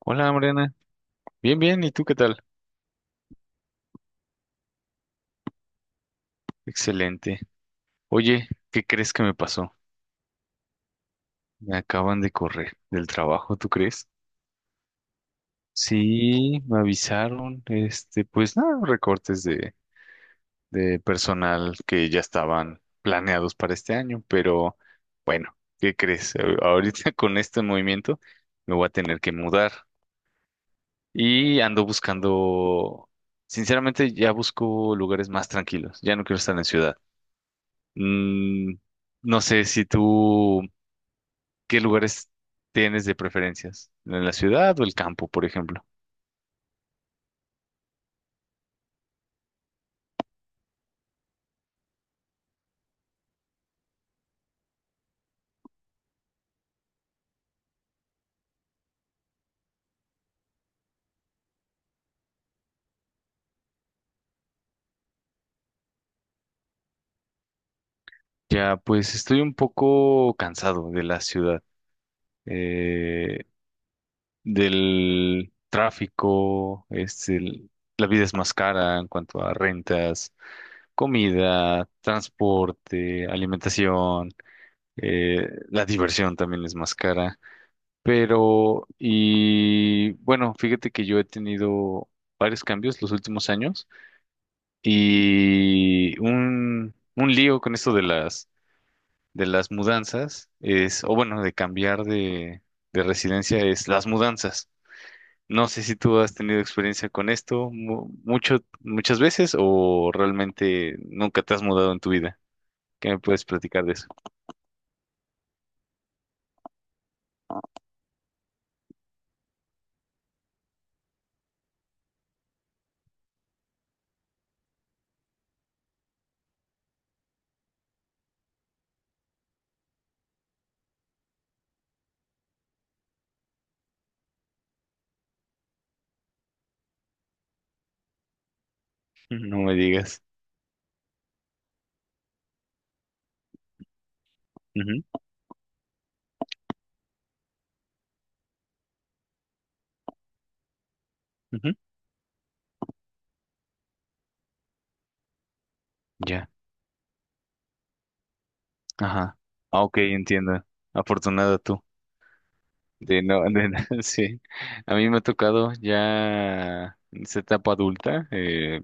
Hola Mariana, bien, bien, ¿y tú qué tal? Excelente. Oye, ¿qué crees que me pasó? Me acaban de correr del trabajo, ¿tú crees? Sí, me avisaron, pues nada, recortes de personal que ya estaban planeados para este año, pero bueno, ¿qué crees? Ahorita con este movimiento me voy a tener que mudar y ando buscando, sinceramente ya busco lugares más tranquilos, ya no quiero estar en ciudad. Mm, no sé si tú, ¿qué lugares tienes de preferencias? ¿En la ciudad o el campo, por ejemplo? Ya, pues estoy un poco cansado de la ciudad, eh, del tráfico, la vida es más cara en cuanto a rentas, comida, transporte, alimentación, la diversión también es más cara. Pero, y bueno, fíjate que yo he tenido varios cambios los últimos años y un lío con esto de de las mudanzas es, o bueno, de cambiar de residencia es las mudanzas. No sé si tú has tenido experiencia con esto mucho, muchas veces o realmente nunca te has mudado en tu vida. ¿Qué me puedes platicar de eso? No me digas. Ujú, ujú. Ya. Ajá. Ah, ok, entiendo. Afortunada tú. De no- sí. A mí me ha tocado ya en esta etapa adulta,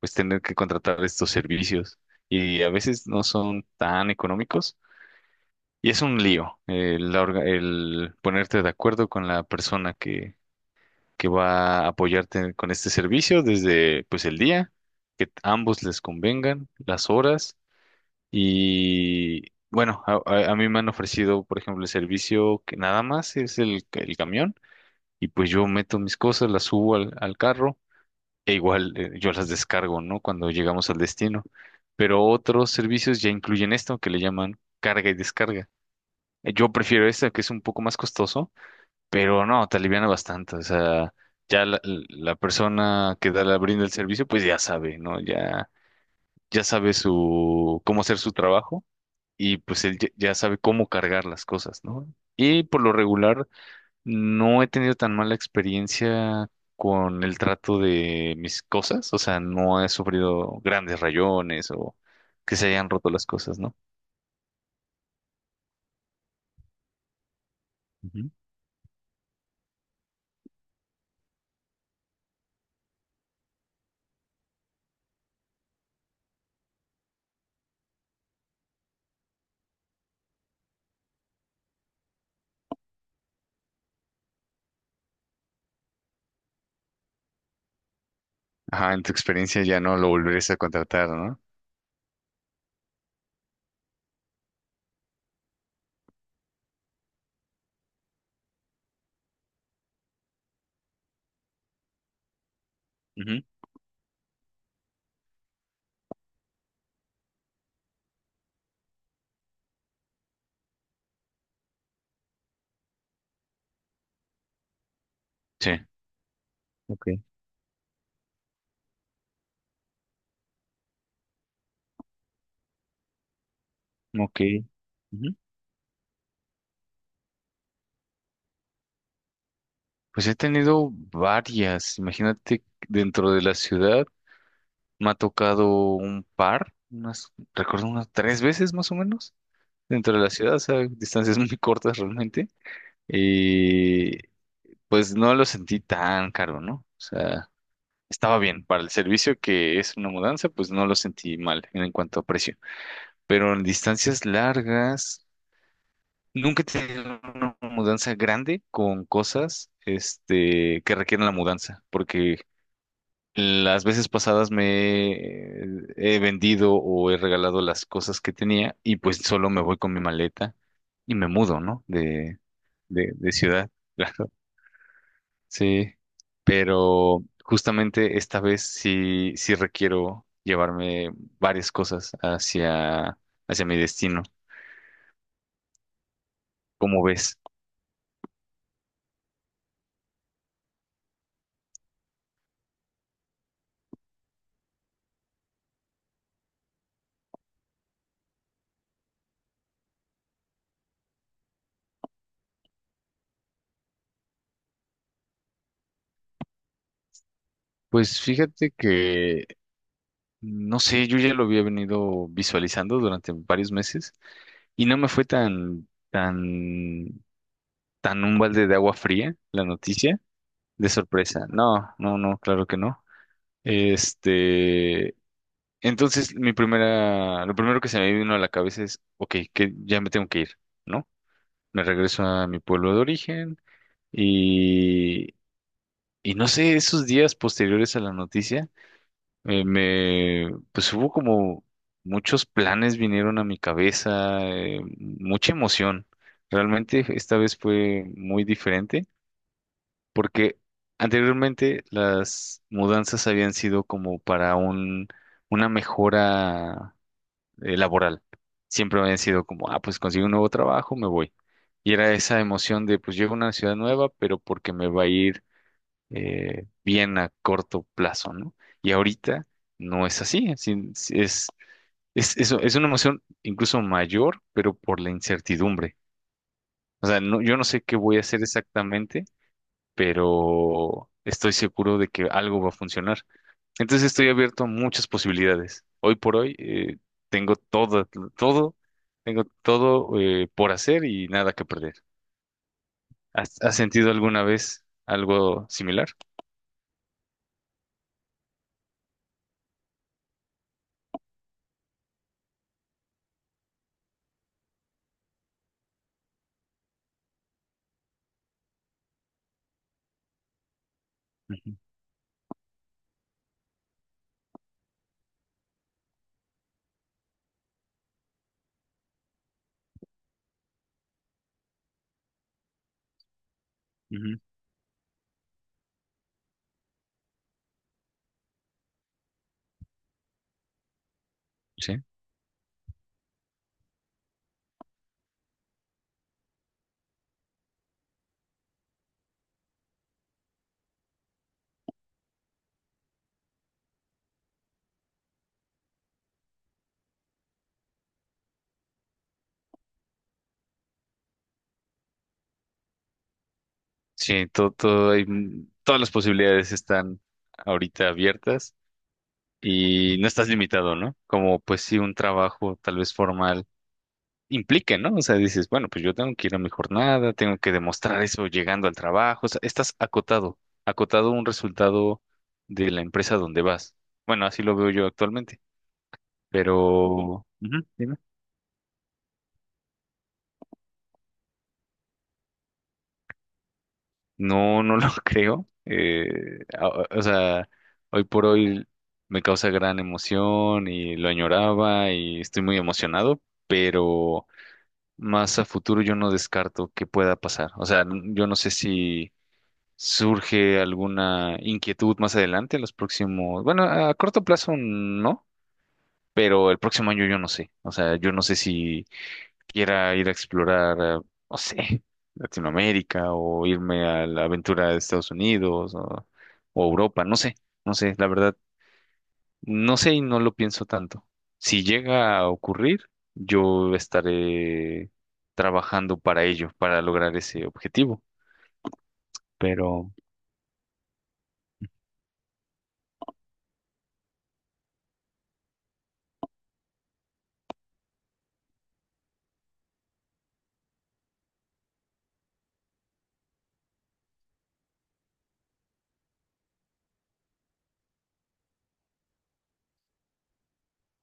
pues tener que contratar estos servicios y a veces no son tan económicos y es un lío ponerte de acuerdo con la persona que va a apoyarte con este servicio desde pues el día, que ambos les convengan, las horas y bueno, a mí me han ofrecido, por ejemplo, el servicio que nada más es el camión y pues yo meto mis cosas, las subo al carro e igual yo las descargo, ¿no? Cuando llegamos al destino. Pero otros servicios ya incluyen esto que le llaman carga y descarga. Yo prefiero esta que es un poco más costoso, pero no, te aliviana bastante. O sea, ya la persona que da la brinda el servicio, pues ya sabe, ¿no? Ya, ya sabe su, cómo hacer su trabajo y pues él ya sabe cómo cargar las cosas, ¿no? Y por lo regular no he tenido tan mala experiencia con el trato de mis cosas, o sea, no he sufrido grandes rayones o que se hayan roto las cosas, ¿no? Ujú. Ajá, en tu experiencia ya no lo volverías a contratar, ¿no? Ujú. Sí, ok, ok. Ujú. Pues he tenido varias, imagínate, dentro de la ciudad me ha tocado un par, unas, recuerdo unas tres veces más o menos, dentro de la ciudad, o sea, distancias muy cortas realmente. Pues no lo sentí tan caro, ¿no? O sea, estaba bien. Para el servicio que es una mudanza, pues no lo sentí mal en cuanto a precio. Pero en distancias largas, nunca he tenido una mudanza grande con cosas, que requieren la mudanza, porque las veces pasadas me he vendido o he regalado las cosas que tenía y pues solo me voy con mi maleta y me mudo, ¿no? De ciudad. Sí, pero justamente esta vez sí, sí requiero llevarme varias cosas hacia, hacia mi destino. ¿Cómo ves? Pues fíjate que, no sé, yo ya lo había venido visualizando durante varios meses y no me fue tan un balde de agua fría la noticia de sorpresa. No, no, no, claro que no. Este, Entonces, lo primero que se me vino a la cabeza es, ok, que ya me tengo que ir, ¿no? Me regreso a mi pueblo de origen y, y no sé, esos días posteriores a la noticia, pues hubo como muchos planes vinieron a mi cabeza, mucha emoción. Realmente esta vez fue muy diferente porque anteriormente las mudanzas habían sido como para una mejora laboral. Siempre habían sido como, ah, pues consigo un nuevo trabajo, me voy. Y era esa emoción de, pues llego a una ciudad nueva, pero porque me va a ir bien a corto plazo, ¿no? Y ahorita no es así, es una emoción incluso mayor, pero por la incertidumbre. O sea, no, yo no sé qué voy a hacer exactamente, pero estoy seguro de que algo va a funcionar. Entonces estoy abierto a muchas posibilidades. Hoy por hoy tengo todo, tengo todo por hacer y nada que perder. ¿Has, has sentido alguna vez algo similar? Ujú, ujú, sí, sí, todo, todo hay, mm, todas las posibilidades están ahorita abiertas y no estás limitado, ¿no? Como pues sí, un trabajo tal vez formal implique, ¿no? O sea, dices, bueno, pues yo tengo que ir a mi jornada, tengo que demostrar eso llegando al trabajo, o sea, estás acotado, acotado a un resultado de la empresa donde vas. Bueno, así lo veo yo actualmente, pero ujú, dime. No, no lo creo. O sea, hoy por hoy me causa gran emoción y lo añoraba y estoy muy emocionado, pero más a futuro yo no descarto que pueda pasar. O sea, yo no sé si surge alguna inquietud más adelante, en los próximos, bueno, a corto plazo no, pero el próximo año yo no sé, o sea, yo no sé si quiera ir a explorar, no sé, Latinoamérica o irme a la aventura de Estados Unidos o Europa, no sé, no sé, la verdad, no sé y no lo pienso tanto. Si llega a ocurrir, yo estaré trabajando para ello, para lograr ese objetivo, pero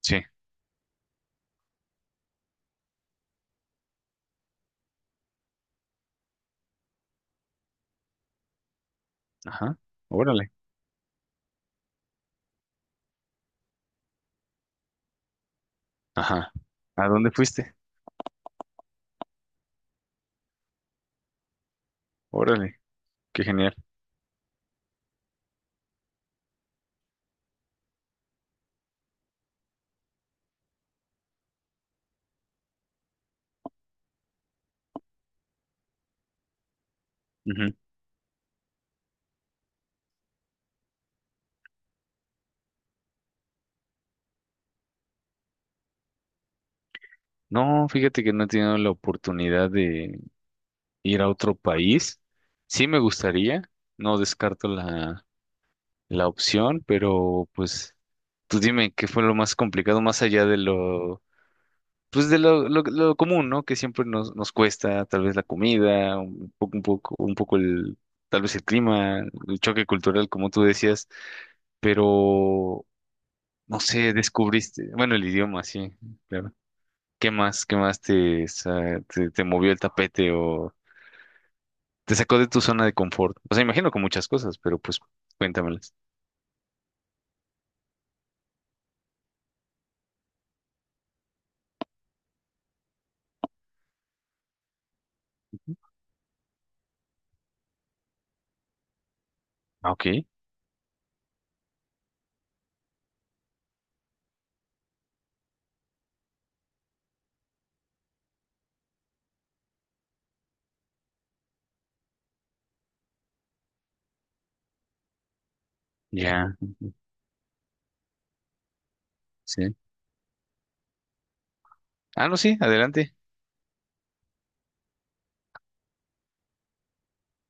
sí, ajá, órale. Ajá. ¿A dónde fuiste? Órale, qué genial. Ujú. No, fíjate que no he tenido la oportunidad de ir a otro país. Sí me gustaría, no descarto la opción, pero pues tú dime qué fue lo más complicado más allá de lo, pues de lo común, ¿no? Que siempre nos cuesta, tal vez la comida, un poco tal vez el clima, el choque cultural, como tú decías, pero no sé, descubriste, bueno, el idioma, sí, claro. Qué más te movió el tapete o te sacó de tu zona de confort? O sea, imagino con muchas cosas, pero pues cuéntamelas. Ah, ok, ya, sí. Ah, no, sí, adelante.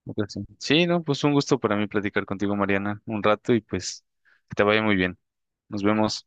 Ok, sí, sí, no, pues un gusto para mí platicar contigo, Mariana, un rato y pues que te vaya muy bien. Nos vemos.